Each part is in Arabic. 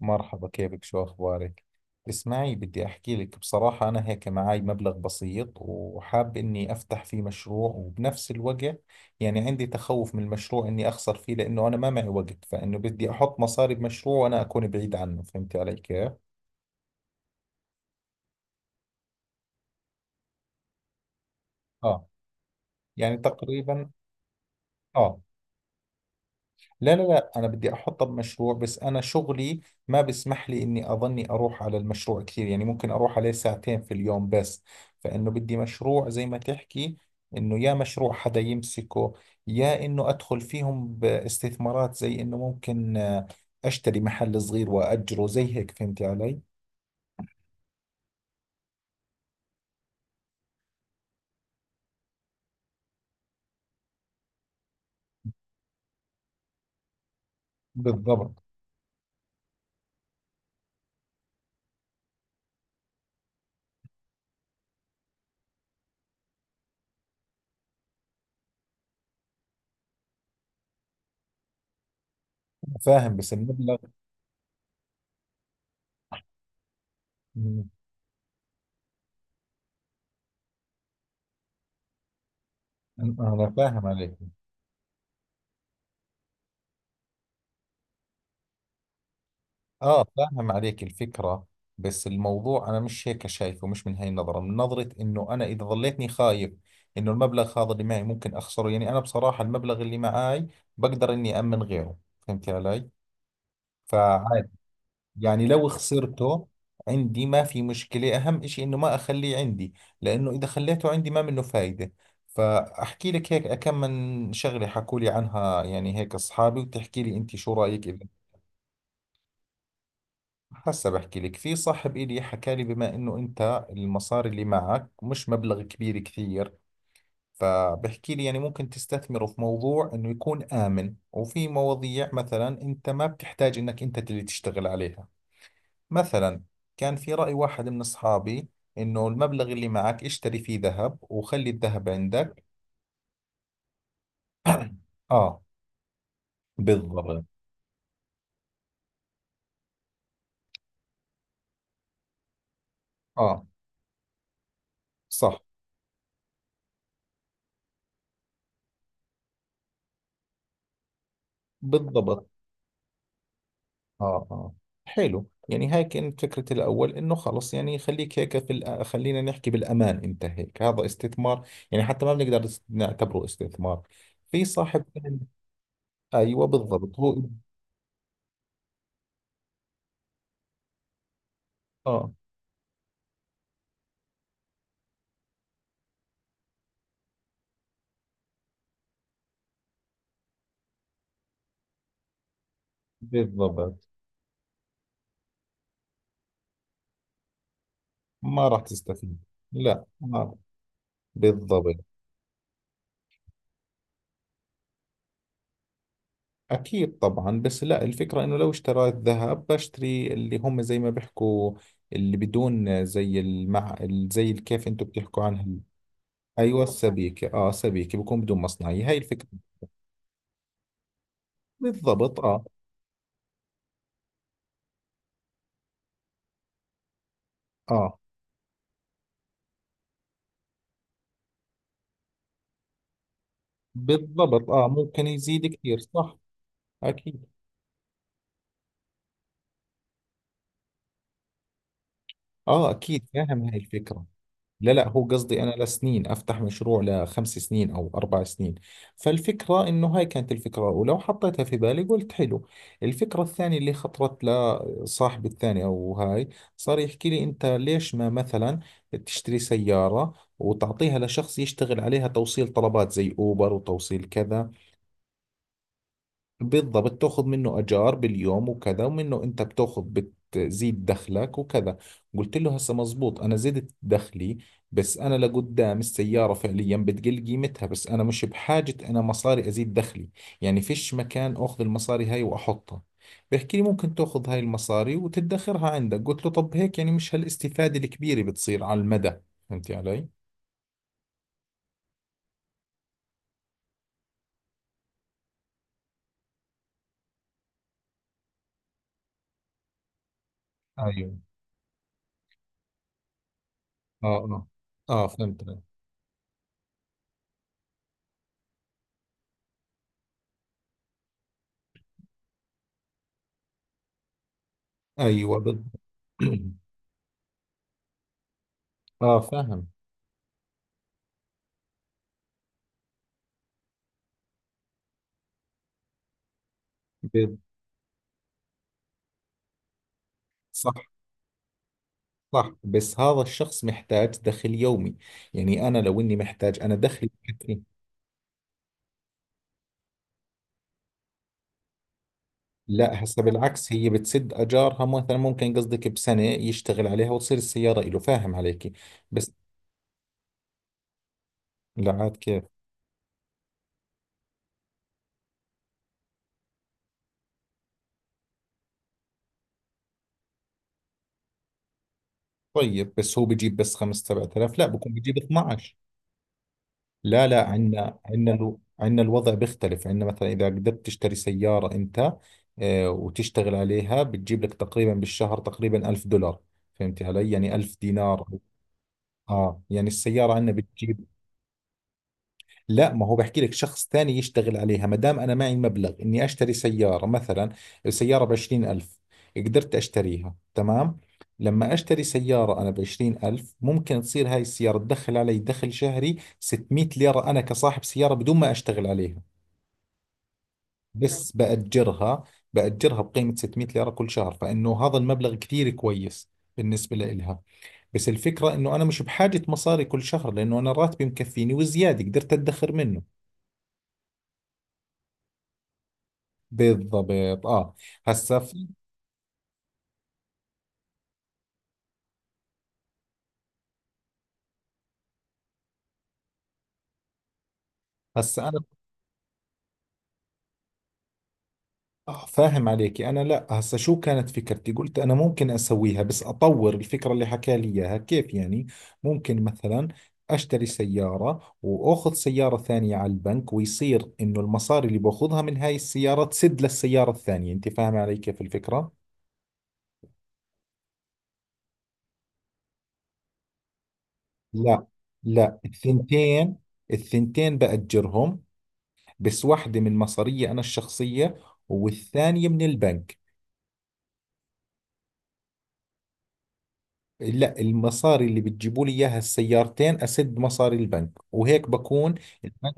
مرحبا، كيفك؟ شو أخبارك؟ اسمعي، بدي أحكي لك بصراحة. أنا هيك معاي مبلغ بسيط وحاب إني أفتح فيه مشروع، وبنفس الوقت يعني عندي تخوف من المشروع إني أخسر فيه، لأنه أنا ما معي وقت. فإنه بدي أحط مصاري بمشروع وأنا أكون بعيد عنه، فهمتي علي كيف؟ آه. يعني تقريبا. آه. لا لا لا، أنا بدي أحطها بمشروع، بس أنا شغلي ما بسمح لي إني أظني أروح على المشروع كثير. يعني ممكن أروح عليه 2 ساعات في اليوم بس. فإنه بدي مشروع زي ما تحكي، إنه يا مشروع حدا يمسكه، يا إنه أدخل فيهم باستثمارات، زي إنه ممكن أشتري محل صغير وأجره زي هيك، فهمتي علي؟ بالضبط. فاهم، بس المبلغ. مم. أنا فاهم عليك. اه، فاهم عليك الفكرة. بس الموضوع انا مش هيك شايفه، مش من هاي النظرة، من نظرة انه انا اذا ظليتني خايف انه المبلغ هذا اللي معي ممكن اخسره. يعني انا بصراحة المبلغ اللي معي بقدر اني امن غيره، فهمت علي؟ فعادي يعني، لو خسرته عندي ما في مشكلة. اهم اشي انه ما اخليه عندي، لانه اذا خليته عندي ما منه فايدة. فاحكي لك هيك كم من شغلة حكوا لي عنها يعني هيك اصحابي، وتحكي لي انت شو رأيك. اذا هسا بحكي لك، في صاحب إلي حكى لي بما إنه أنت المصاري اللي معك مش مبلغ كبير كثير، فبحكي لي يعني ممكن تستثمره في موضوع إنه يكون آمن، وفي مواضيع مثلا أنت ما بتحتاج إنك أنت اللي تشتغل عليها. مثلا كان في رأي واحد من أصحابي، إنه المبلغ اللي معك اشتري فيه ذهب وخلي الذهب عندك. آه. بالضبط. آه، صح. بالضبط. اه اه. حلو. يعني هاي كانت فكرة الأول، إنه خلص يعني خليك هيك في خلينا نحكي بالأمان. أنت هيك هذا استثمار، يعني حتى ما بنقدر نعتبره استثمار. في صاحب أيوة بالضبط هو. آه، بالضبط. ما راح تستفيد. لا ما. بالضبط. أكيد طبعا. بس لا، الفكرة إنه لو اشتريت ذهب بشتري اللي هم زي ما بيحكوا، اللي بدون زي المع، زي كيف أنتم بتحكوا عنها. ايوه، السبيكه. اه، سبيكه بكون بدون مصنعيه، هاي الفكره. بالضبط. اه اه. بالضبط. اه، ممكن يزيد كثير، صح. اكيد. اه اكيد، فاهم هاي الفكره. لا لا، هو قصدي انا لسنين افتح مشروع لخمس سنين او 4 سنين. فالفكره انه هاي كانت الفكره الاولى، وحطيتها في بالي قلت حلو. الفكره الثانيه اللي خطرت لصاحبي الثاني او هاي، صار يحكي لي انت ليش ما مثلا تشتري سياره وتعطيها لشخص يشتغل عليها توصيل طلبات زي اوبر وتوصيل كذا. بالضبط، تاخذ منه اجار باليوم وكذا، ومنه انت بتاخذ بتزيد دخلك وكذا. قلت له هسه مزبوط، انا زدت دخلي، بس انا لقدام السياره فعليا بتقل قيمتها. بس انا مش بحاجه، انا مصاري ازيد دخلي، يعني فيش مكان اخذ المصاري هاي واحطها. بيحكي لي ممكن تاخذ هاي المصاري وتدخرها عندك. قلت له طب هيك يعني مش هالاستفاده الكبيره بتصير على المدى، فهمتي علي؟ ايوه. اه اه. اه، فهمت علي. ايوه، بالضبط. اه، فاهم. بالضبط. صح، بس هذا الشخص محتاج دخل يومي. يعني أنا لو إني محتاج، أنا دخلي يكفيني. لا هسه بالعكس، هي بتسد أجارها. مثلا ممكن قصدك بسنة يشتغل عليها وتصير السيارة إله، فاهم عليكي؟ بس لا عاد كيف؟ طيب بس هو بجيب بس 5 7000، لا بكون بجيب 12. لا لا، عندنا عندنا الوضع بيختلف. عندنا مثلا إذا قدرت تشتري سيارة أنت وتشتغل عليها، بتجيب لك تقريبا بالشهر تقريبا 1000 دولار. فهمتي علي؟ يعني 1000 دينار. اه، يعني السيارة عندنا بتجيب. لا، ما هو بحكي لك شخص ثاني يشتغل عليها، ما دام أنا معي مبلغ إني أشتري سيارة. مثلا السيارة 20 ألف، قدرت أشتريها تمام. لما أشتري سيارة أنا 20 ألف، ممكن تصير هاي السيارة تدخل علي دخل شهري 600 ليرة، أنا كصاحب سيارة بدون ما أشتغل عليها، بس بأجرها بقيمة 600 ليرة كل شهر، فإنه هذا المبلغ كثير كويس بالنسبة لإلها. بس الفكرة انه انا مش بحاجة مصاري كل شهر، لانه انا راتبي مكفيني وزيادة قدرت ادخر منه. بالضبط، اه. هسا في هسا انا. آه، فاهم عليكي. انا لا، هسا شو كانت فكرتي؟ قلت انا ممكن اسويها بس اطور الفكرة اللي حكى لي اياها. كيف يعني؟ ممكن مثلا اشتري سيارة واخذ سيارة ثانية على البنك، ويصير انه المصاري اللي باخذها من هاي السيارة تسد للسيارة الثانية. انت فاهم علي كيف الفكرة؟ لا لا، الثنتين. الثنتين بأجرهم، بس واحدة من مصارية أنا الشخصية والثانية من البنك. لا، المصاري اللي بتجيبوا لي إياها السيارتين أسد مصاري البنك، وهيك بكون. البنك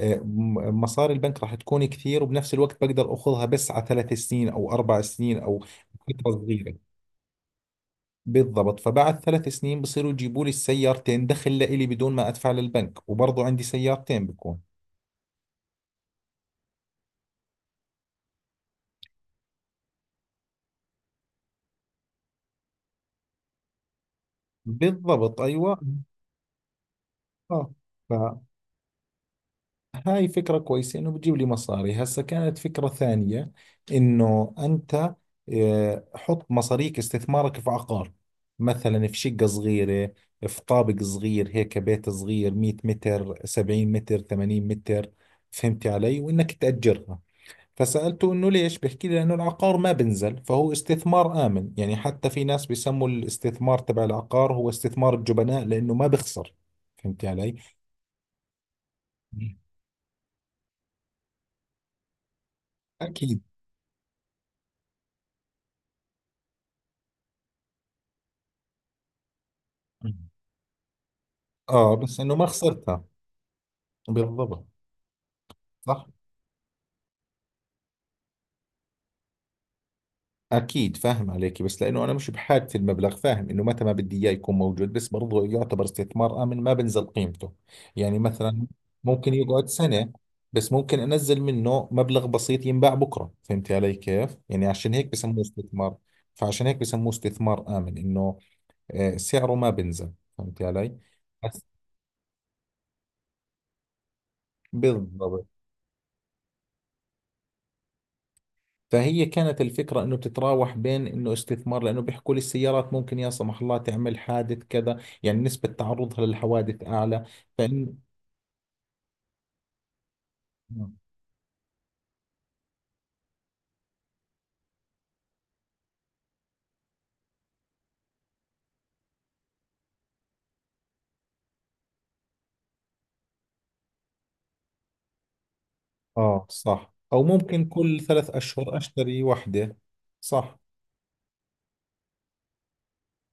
مصاري البنك راح تكون كثير، وبنفس الوقت بقدر أخذها بس على 3 سنين أو 4 سنين أو فترة صغيرة. بالضبط، فبعد 3 سنين بصيروا يجيبوا لي السيارتين دخل لإلي بدون ما أدفع للبنك، وبرضو عندي سيارتين بكون. بالضبط، أيوة. آه. هاي فكرة كويسة إنه بتجيب لي مصاري. هسا كانت فكرة ثانية، إنه أنت حط مصاريك استثمارك في عقار، مثلا في شقة صغيرة، في طابق صغير هيك، بيت صغير 100 متر، 70 متر، 80 متر، فهمتي علي؟ وإنك تأجرها. فسألته إنه ليش؟ بحكي لي لأنه العقار ما بنزل، فهو استثمار آمن. يعني حتى في ناس بيسموا الاستثمار تبع العقار هو استثمار الجبناء، لأنه ما بخسر، فهمتي علي؟ أكيد. اه، بس انه ما خسرتها. بالضبط. صح اكيد، فاهم عليك. بس لانه انا مش بحاجة المبلغ، فاهم انه متى ما بدي اياه يكون موجود، بس برضه يعتبر استثمار امن ما بنزل قيمته. يعني مثلا ممكن يقعد سنة، بس ممكن انزل منه مبلغ بسيط ينباع بكرة، فهمت علي كيف يعني؟ عشان هيك بسموه استثمار، فعشان هيك بسموه استثمار امن، انه سعره ما بنزل، فهمت علي؟ بس. بالضبط. فهي كانت الفكرة انه بتتراوح، بين انه استثمار لانه بيحكوا لي السيارات ممكن يا سمح الله تعمل حادث كذا، يعني نسبة تعرضها للحوادث اعلى. فإن. اه صح، او ممكن كل 3 اشهر اشتري وحدة. صح.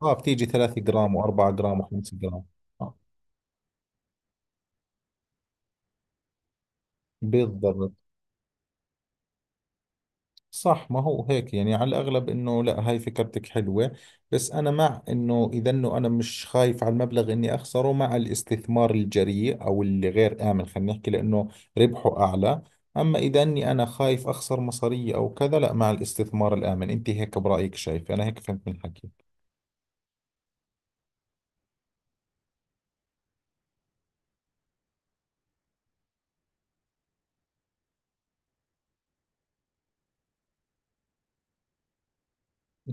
اه، بتيجي 3 جرام و4 جرام و5 جرام. آه. بالضبط. صح، ما هو هيك يعني على الأغلب. إنه لا، هاي فكرتك حلوة. بس أنا مع إنه إذا إنه أنا مش خايف على المبلغ إني أخسره، مع الاستثمار الجريء أو اللي غير آمن خلينا نحكي، لأنه ربحه أعلى. أما إذا إني أنا خايف أخسر مصارية أو كذا، لا، مع الاستثمار الآمن. أنت هيك برأيك شايف؟ أنا هيك فهمت من حكيك.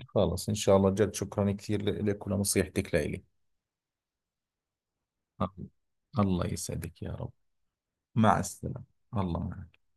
خلص، إن شاء الله. جد شكرا كثير لك ولنصيحتك لإلي. الله، الله يسعدك يا رب. مع السلامة. الله معك.